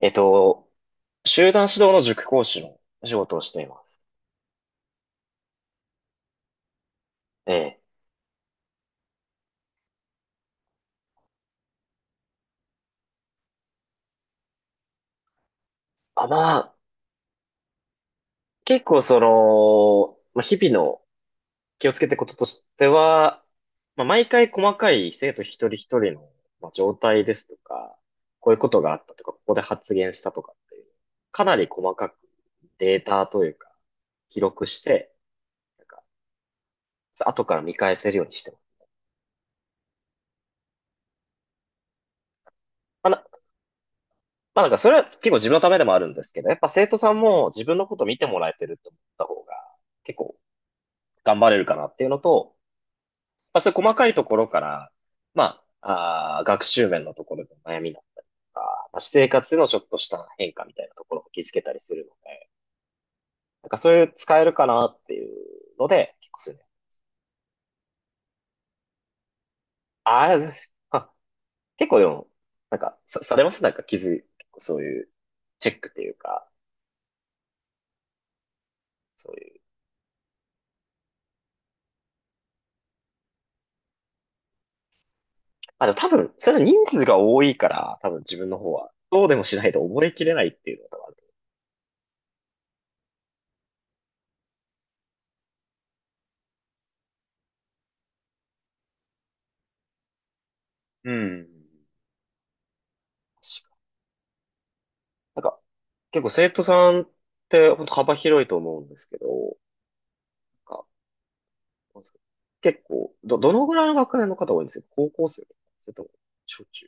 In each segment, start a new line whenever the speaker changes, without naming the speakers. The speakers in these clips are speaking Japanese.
えっと、集団指導の塾講師の仕事をしています。ええ。あ、まあ、結構その、まあ、日々の気をつけてることとしては、まあ、毎回細かい生徒一人一人の、まあ、状態ですとか、こういうことがあったとか、ここで発言したとかっていう、かなり細かくデータというか、記録して、なんか、後から見返せるようにしてます。まあ、なんかそれは結構自分のためでもあるんですけど、やっぱ生徒さんも自分のこと見てもらえてると思った方が、結構頑張れるかなっていうのと、まあ、そういう細かいところから、まあ、学習面のところでの悩みだったりとか、まあ、私生活でのちょっとした変化みたいなところも気づけたりするので、なんかそういう使えるかなっていうので、結構そういうね、ああ、あ結構でも、なんかさ、されますなんか気づい、結構そういうチェックっていうか、そういう。あ、でも多分、それは人数が多いから、多分自分の方は、どうでもしないと覚えきれないっていうのが多分あると思う。うん。なんか、結構生徒さんって本当幅広いと思うんですけど、なんか、なんですか結構、どのぐらいの学年の方多いんですか？高校生それとも、小中？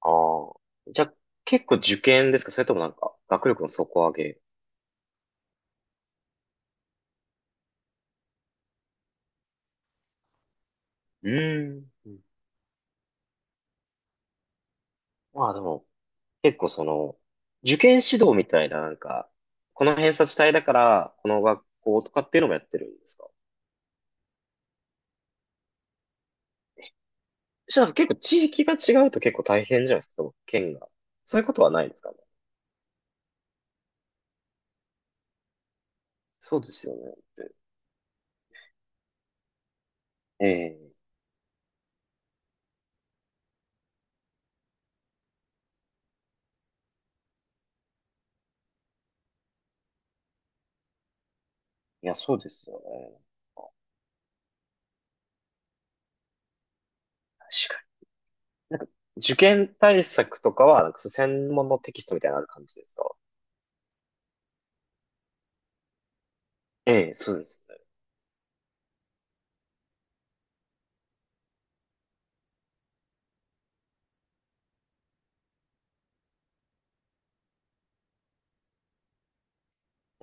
ああ、じゃあ、結構受験ですか？それともなんか、学力の底上げ？うーん。うん。まあでも、結構その、受験指導みたいななんか、この偏差値帯だから、この学校とかっていうのもやってるんですか？そしたら結構地域が違うと結構大変じゃないですか？県が。そういうことはないですかね？そうですよね。って、ええ、いや、そうですよね。確かに。なんか、受験対策とかは、なんかそう専門のテキストみたいなのある感じですか？ええ、そうですね。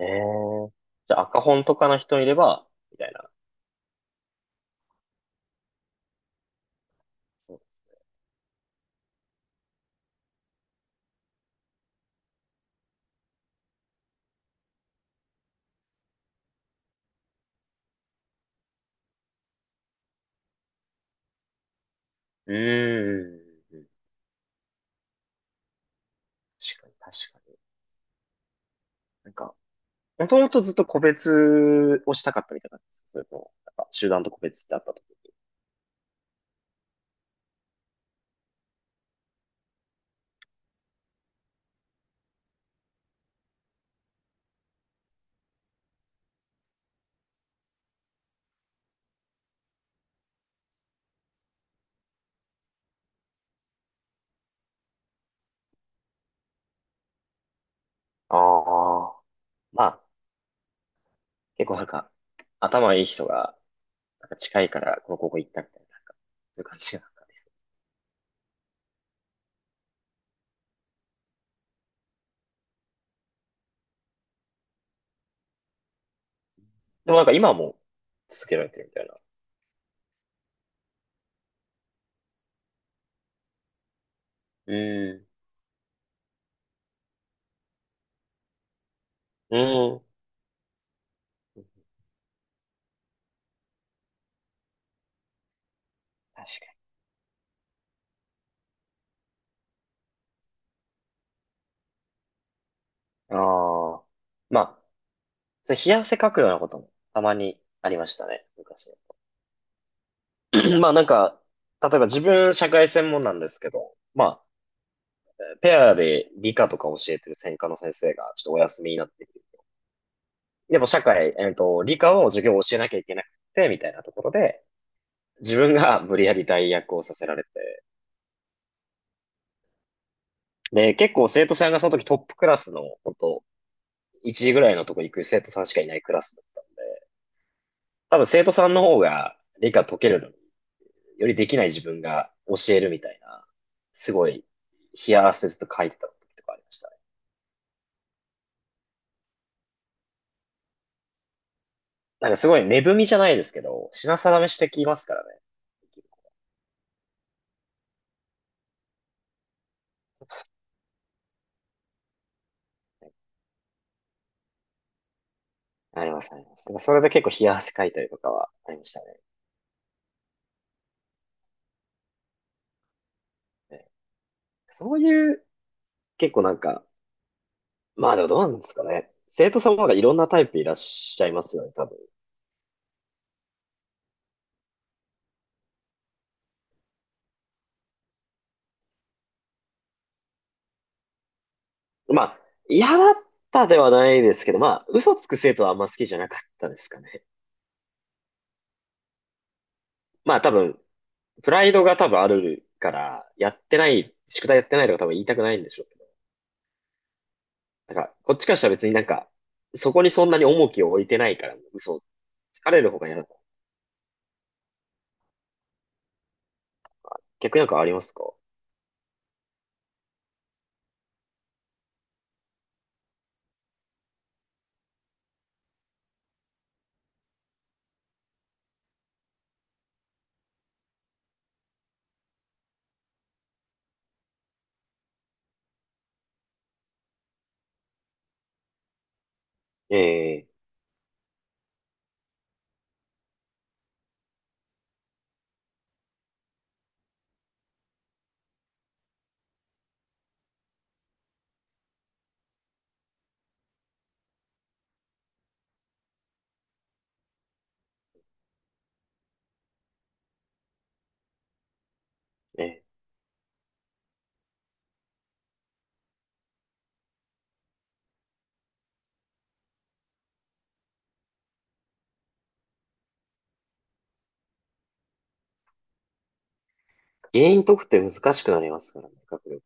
ええ。じゃあ、赤本とかの人いれば、みたいな。そう、うーん。確かに、確かに。なんか、もともとずっと個別をしたかったみたいな感ですか？それとも、なんか集団と個別ってあった時。ああ。まあ、結構なんか、頭いい人が、なんか近いから、この高校行ったみたいな、なんか、そういう感じが。でもなんか今も続けられてるみたいな。うんうん。確かにああ。に。まあ、それ冷や汗かくようなこともたまにありましたね、昔。まあなんか、例えば自分社会専門なんですけど、まあ、ペアで理科とか教えてる専科の先生がちょっとお休みになってきて、でも社会、理科を授業を教えなきゃいけなくて、みたいなところで、自分が無理やり代役をさせられて、で、結構生徒さんがその時トップクラスの、本当1時ぐらいのとこ行く生徒さんしかいないクラスだったんで、多分生徒さんの方が理科解けるのに、よりできない自分が教えるみたいな、すごい、冷や汗ずっと書いてた時とかありましたね。なんかすごい根踏みじゃないですけど、品定めしてきますからね。ありますあります。だからそれで結構冷や汗かいたりとかはありましたね。ね、そういう、結構なんか、まあでもどうなんですかね。生徒さんもなんかいろんなタイプいらっしゃいますよね、多分。まあ、嫌だったではないですけど、まあ、嘘つく生徒はあんま好きじゃなかったですかね。まあ、多分、プライドが多分あるから、やってない、宿題やってないとか多分言いたくないんでしょうけど。なんか、こっちからしたら別になんか、そこにそんなに重きを置いてないから、嘘、疲れる方が嫌だ。逆になんかありますか？ええええ、原因解くって難しくなりますからね、学力。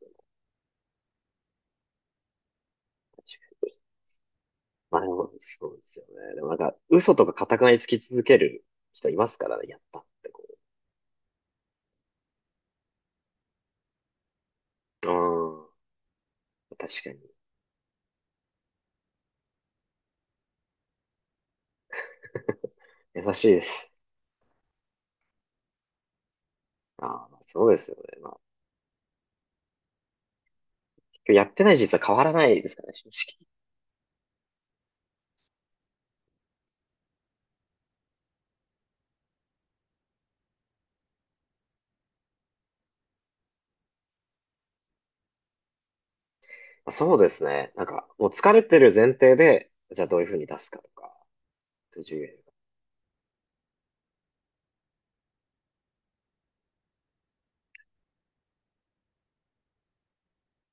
まあでも、そうですよね。でもなんか、嘘とか固くなりつき続ける人いますからね、やったってこう。うん、確かに。優しいです。ああ、そうですよね。まあ、結局やってない実は変わらないですからね、正直。まあ、そうですね。なんか、もう疲れてる前提で、じゃあどういうふうに出すかとか、どういうふうに。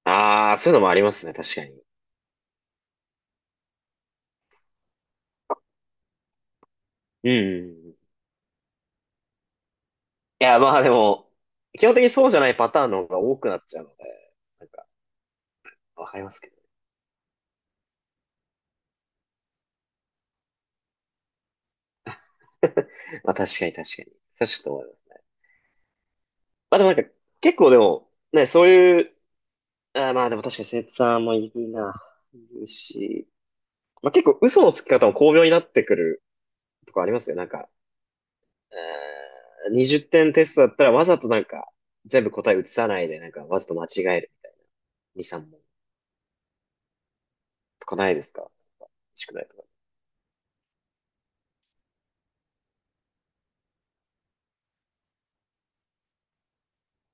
ああ、そういうのもありますね、確かに。うんうんうん。いや、まあでも、基本的にそうじゃないパターンの方が多くなっちゃうので、なんか、わかりますけど。まあ確かに確かに。そうちょっと思いますね。まあでもなんか、結構でも、ね、そういう、まあでも確かに生徒さんもいるな。いるし、まあ、結構嘘のつき方も巧妙になってくるとこありますよ。なんか、えー20点テストだったらわざとなんか、全部答え移さないで、なんかわざと間違える。2、3問とかないですか？宿題とか。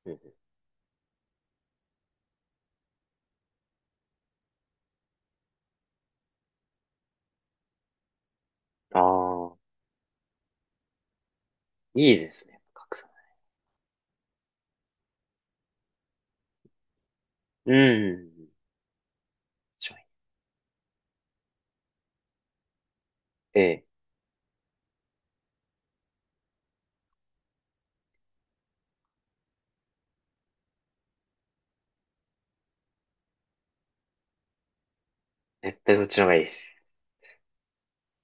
うんうん、ああ、いいですね。格差。うんうんうん。いい、ええ、絶対そっちの方がいいです。